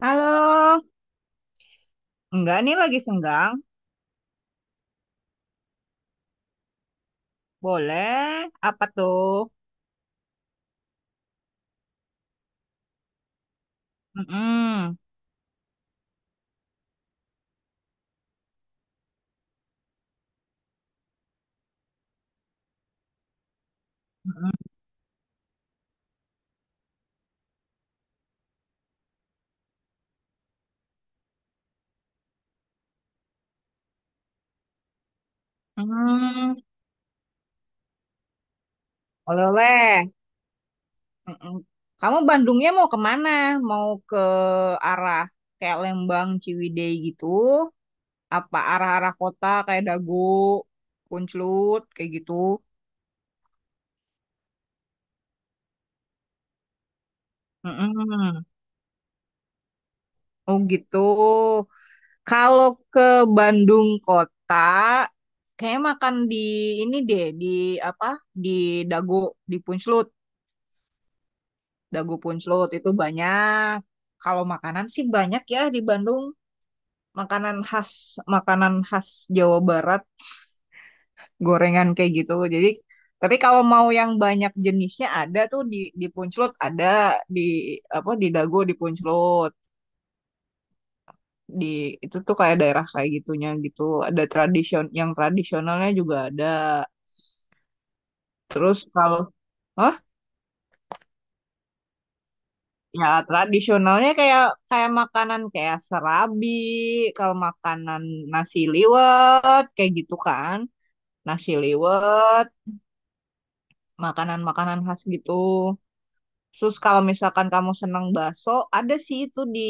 Halo, enggak nih lagi senggang. Boleh, apa tuh? Mm-mm. Mm-mm. Oleh-oleh. Mm-mm. Kamu Bandungnya mau kemana? Mau ke arah kayak Lembang, Ciwidey gitu? Apa arah-arah kota kayak Dago, Punclut, kayak gitu? Mm-mm. Oh gitu. Kalau ke Bandung kota, kayak makan di ini deh, di apa? Di Dago, di Punclut. Dago Punclut itu banyak. Kalau makanan sih banyak ya di Bandung. Makanan khas, makanan khas Jawa Barat, gorengan kayak gitu. Jadi, tapi kalau mau yang banyak jenisnya ada tuh di Punclut, ada di apa di Dago di Punclut. Di itu tuh kayak daerah kayak gitunya gitu. Ada tradisionalnya juga ada. Terus kalau. Hah? Ya, tradisionalnya kayak kayak makanan kayak serabi, kalau makanan nasi liwet kayak gitu kan. Nasi liwet, makanan-makanan khas gitu. Terus kalau misalkan kamu senang bakso, ada sih itu di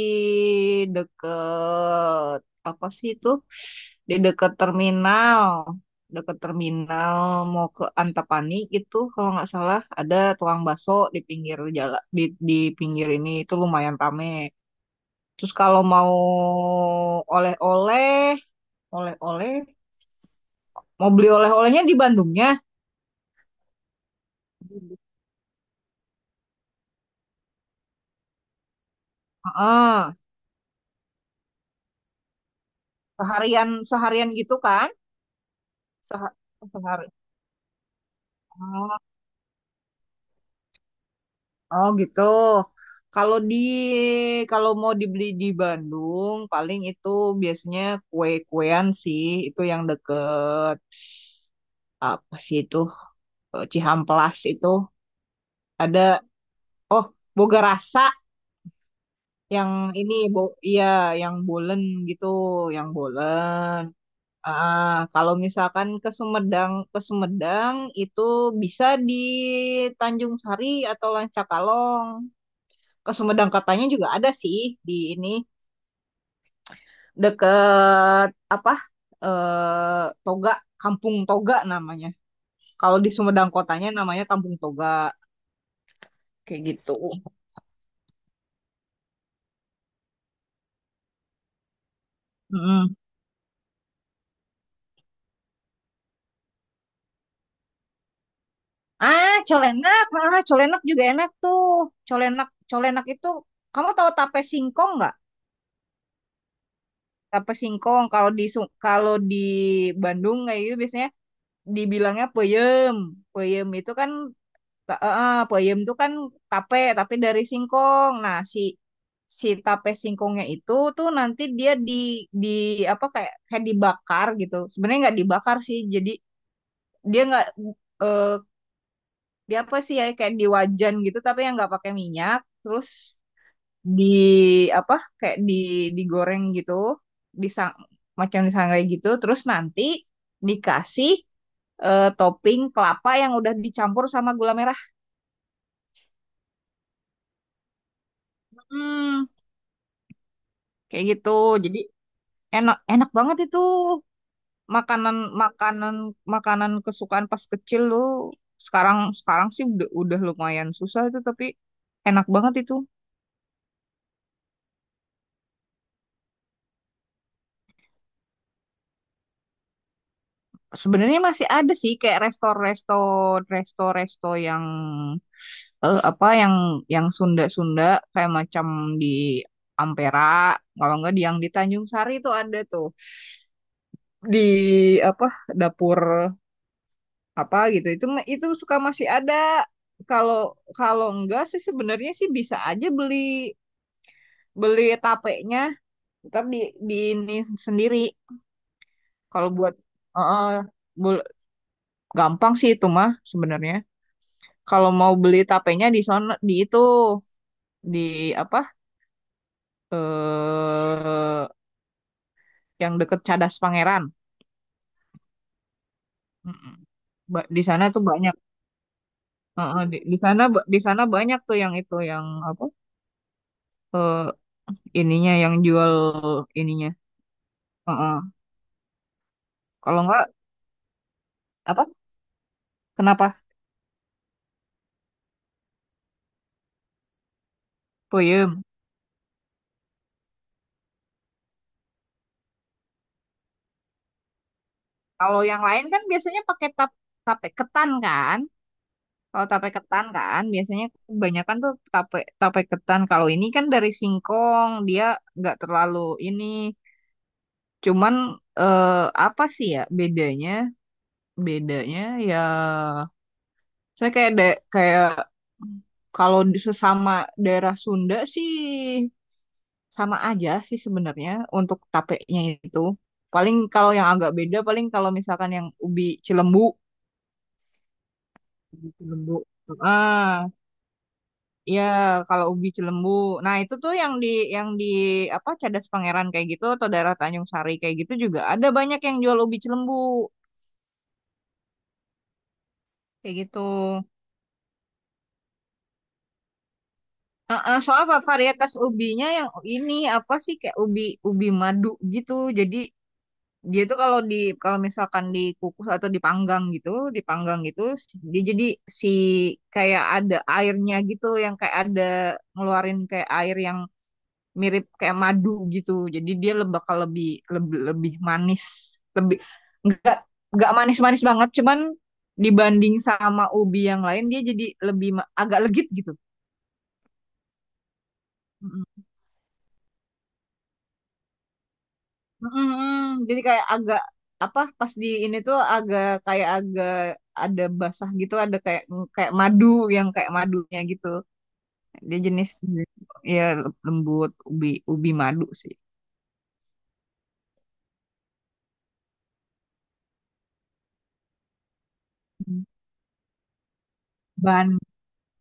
deket apa sih itu? Di deket terminal. Deket terminal mau ke Antapani gitu kalau nggak salah ada tukang bakso di pinggir jalan di pinggir ini itu lumayan rame. Terus kalau mau oleh-oleh, oleh-oleh, mau beli oleh-olehnya di Bandungnya. Heeh. Seharian seharian gitu kan? Seha sehari. Oh, oh gitu. Kalau di kalau mau dibeli di Bandung, paling itu biasanya kue-kuean sih, itu yang deket apa sih itu, Cihampelas itu ada, oh, Boga Rasa yang ini iya yang bolen gitu, yang bolen. Ah, kalau misalkan ke Sumedang, itu bisa di Tanjung Sari atau Lancakalong. Ke Sumedang katanya juga ada sih di ini deket apa? Toga, Kampung Toga namanya. Kalau di Sumedang kotanya namanya Kampung Toga kayak gitu. Mm. Ah, colenak juga enak tuh. Colenak itu, kamu tahu tape singkong nggak? Tape singkong kalau di Bandung kayak gitu biasanya dibilangnya peyem peyem itu kan ta- eh, eh, peyem itu kan tape tapi dari singkong. Nah si si tape singkongnya itu tuh nanti dia di apa, kayak kayak dibakar gitu, sebenarnya nggak dibakar sih. Jadi dia nggak, eh, dia apa sih ya, kayak di wajan gitu tapi yang nggak pakai minyak, terus di apa kayak digoreng gitu, disang macam disangrai gitu, terus nanti dikasih topping kelapa yang udah dicampur sama gula merah, hmm, kayak gitu. Jadi enak, enak banget itu. Makanan makanan makanan kesukaan pas kecil lo, sekarang sekarang sih udah lumayan susah itu, tapi enak banget itu. Sebenarnya masih ada sih, kayak resto resto resto resto yang, apa, yang Sunda-Sunda kayak macam di Ampera, kalau enggak di yang di Tanjung Sari itu ada tuh di apa, dapur apa gitu. Itu suka masih ada. Kalau kalau enggak sih sebenarnya sih bisa aja beli beli tapenya, tetap di ini sendiri. Kalau buat eh, bul- Gampang sih itu mah sebenarnya. Kalau mau beli tapenya di sono, di itu, di apa, eh yang deket Cadas Pangeran. Mm-mm. Di sana tuh banyak. Heeh, di sana banyak tuh, yang itu yang apa, eh, ininya yang jual, ininya. Heeh. Kalau enggak apa? Kenapa? Puyem. Kalau yang lain kan biasanya pakai tape ketan kan. Kalau tape ketan kan biasanya kebanyakan tuh tape tape ketan. Kalau ini kan dari singkong, dia nggak terlalu ini. Cuman, eh, apa sih ya bedanya? Bedanya ya, saya kayak ada, kayak kalau di sesama daerah Sunda sih sama aja sih sebenarnya untuk tapenya itu. Paling kalau yang agak beda, paling kalau misalkan yang ubi Cilembu. Ubi Cilembu. Ah, ya kalau ubi Cilembu, nah itu tuh yang di apa, Cadas Pangeran kayak gitu, atau daerah Tanjung Sari kayak gitu juga ada banyak yang jual ubi Cilembu kayak gitu. Heeh, soalnya apa, varietas ubinya yang ini apa sih, kayak ubi ubi madu gitu. Jadi dia tuh kalau misalkan dikukus atau dipanggang gitu, dia jadi si, kayak ada airnya gitu, yang kayak ada ngeluarin kayak air yang mirip kayak madu gitu. Jadi dia bakal lebih lebih lebih manis, lebih, nggak nggak manis-manis banget, cuman dibanding sama ubi yang lain dia jadi lebih, agak legit gitu. Mm, mm. Jadi kayak agak apa, pas di ini tuh agak kayak agak ada basah gitu, ada kayak kayak madu yang kayak madunya gitu. Dia jenis, ya, lembut, ubi ubi madu sih. Ban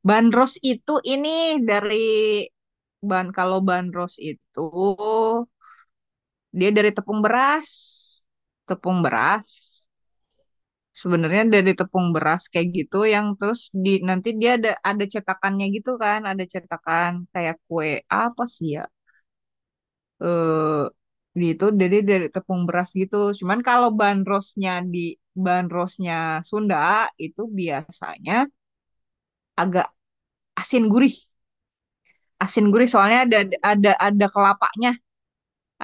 bandros itu ini dari, kalau bandros itu dia dari tepung beras, tepung beras. Sebenarnya dari tepung beras kayak gitu yang terus di, nanti dia ada cetakannya gitu kan, ada cetakan kayak kue apa sih ya? Eh gitu jadi dari tepung beras gitu. Cuman kalau bahan rosnya Sunda itu biasanya agak asin gurih. Asin gurih soalnya ada, ada kelapanya,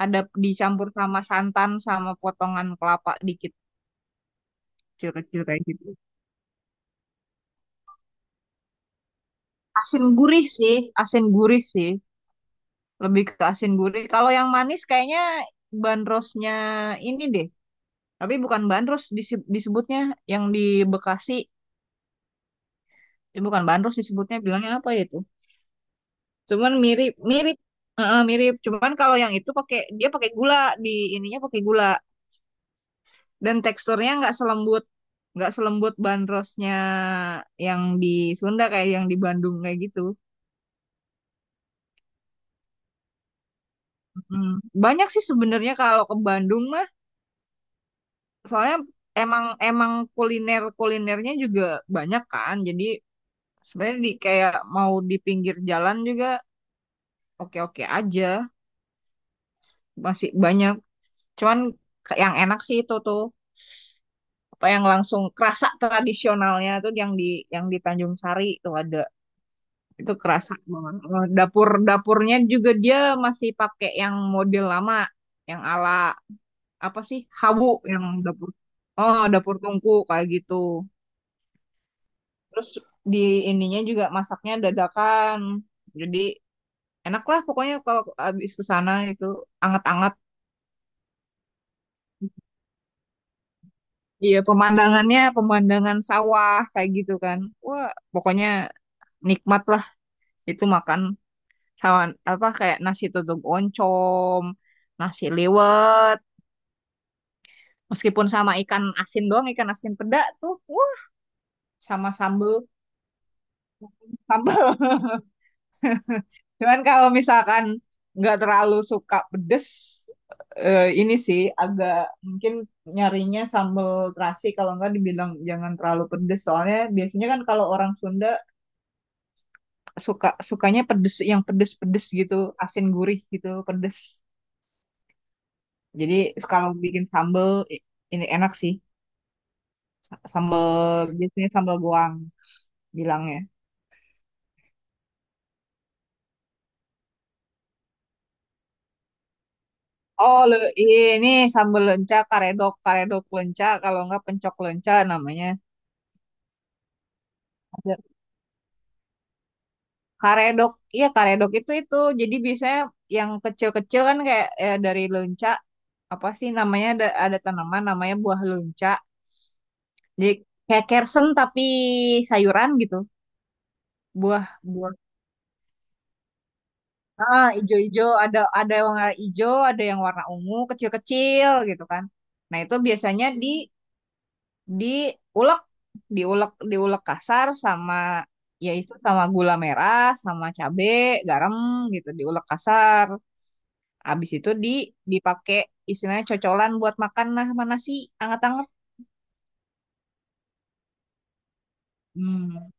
ada dicampur sama santan sama potongan kelapa dikit kecil-kecil kayak gitu. Asin gurih sih, asin gurih sih. Lebih ke asin gurih. Kalau yang manis kayaknya bandrosnya ini deh. Tapi bukan bandros disebutnya yang di Bekasi. Bukan bandros disebutnya, bilangnya apa ya itu? Cuman mirip mirip. Heeh, mirip. Cuman kalau yang itu dia pakai gula, di ininya pakai gula, dan teksturnya nggak selembut bandrosnya yang di Sunda kayak yang di Bandung kayak gitu. Mm. Banyak sih sebenarnya kalau ke Bandung mah, soalnya emang emang kulinernya juga banyak kan, jadi sebenarnya di kayak mau di pinggir jalan juga oke oke aja masih banyak, cuman yang enak sih itu tuh apa yang langsung kerasa tradisionalnya tuh yang di Tanjung Sari itu ada, itu kerasa banget. Dapurnya juga dia masih pakai yang model lama, yang ala apa sih, hawu, yang dapur, oh, dapur tungku kayak gitu. Terus di ininya juga masaknya dadakan. Jadi enak lah pokoknya kalau habis ke sana itu, anget-anget. Iya, pemandangan sawah kayak gitu kan. Wah, pokoknya nikmat lah itu makan sawan apa, kayak nasi tutuk oncom, nasi liwet, meskipun sama ikan asin doang, ikan asin peda tuh. Wah, sama sambel. Cuman kalau misalkan nggak terlalu suka pedes, ini sih agak, mungkin nyarinya sambal terasi, kalau nggak dibilang jangan terlalu pedes. Soalnya biasanya kan kalau orang Sunda, sukanya pedes, yang pedes-pedes gitu, asin gurih gitu, pedes. Jadi kalau bikin sambal, i- ini enak sih. Sambal, biasanya sambal goang bilangnya. Oh, ini sambal lenca, karedok, karedok lenca, kalau nggak pencok lenca namanya. Karedok, iya karedok itu. Jadi biasanya yang kecil-kecil kan, kayak ya, dari lunca, apa sih namanya, ada tanaman namanya buah lunca. Jadi kayak kersen tapi sayuran gitu. Buah buah ah Ijo-ijo, ada yang warna ijo, ada yang warna ungu kecil-kecil gitu kan. Nah, itu biasanya di diulek diulek diulek kasar sama, ya itu, sama gula merah, sama cabe, garam gitu, diulek kasar. Abis itu dipakai istilahnya cocolan buat makan, nah mana sih anget-anget. Hmm.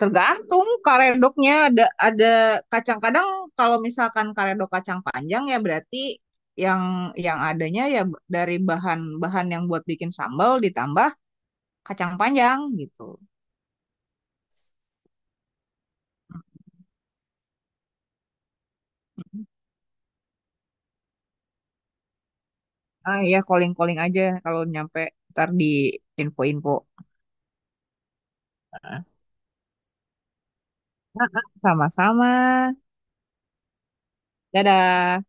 Tergantung karedoknya, ada kacang kadang, kalau misalkan karedok kacang panjang ya berarti yang yang adanya, ya, dari bahan-bahan yang buat bikin sambal, ditambah kacang panjang gitu. Mm. Ah, ya, calling-calling aja kalau nyampe, ntar di info-info. Ah. Sama-sama. Dadah.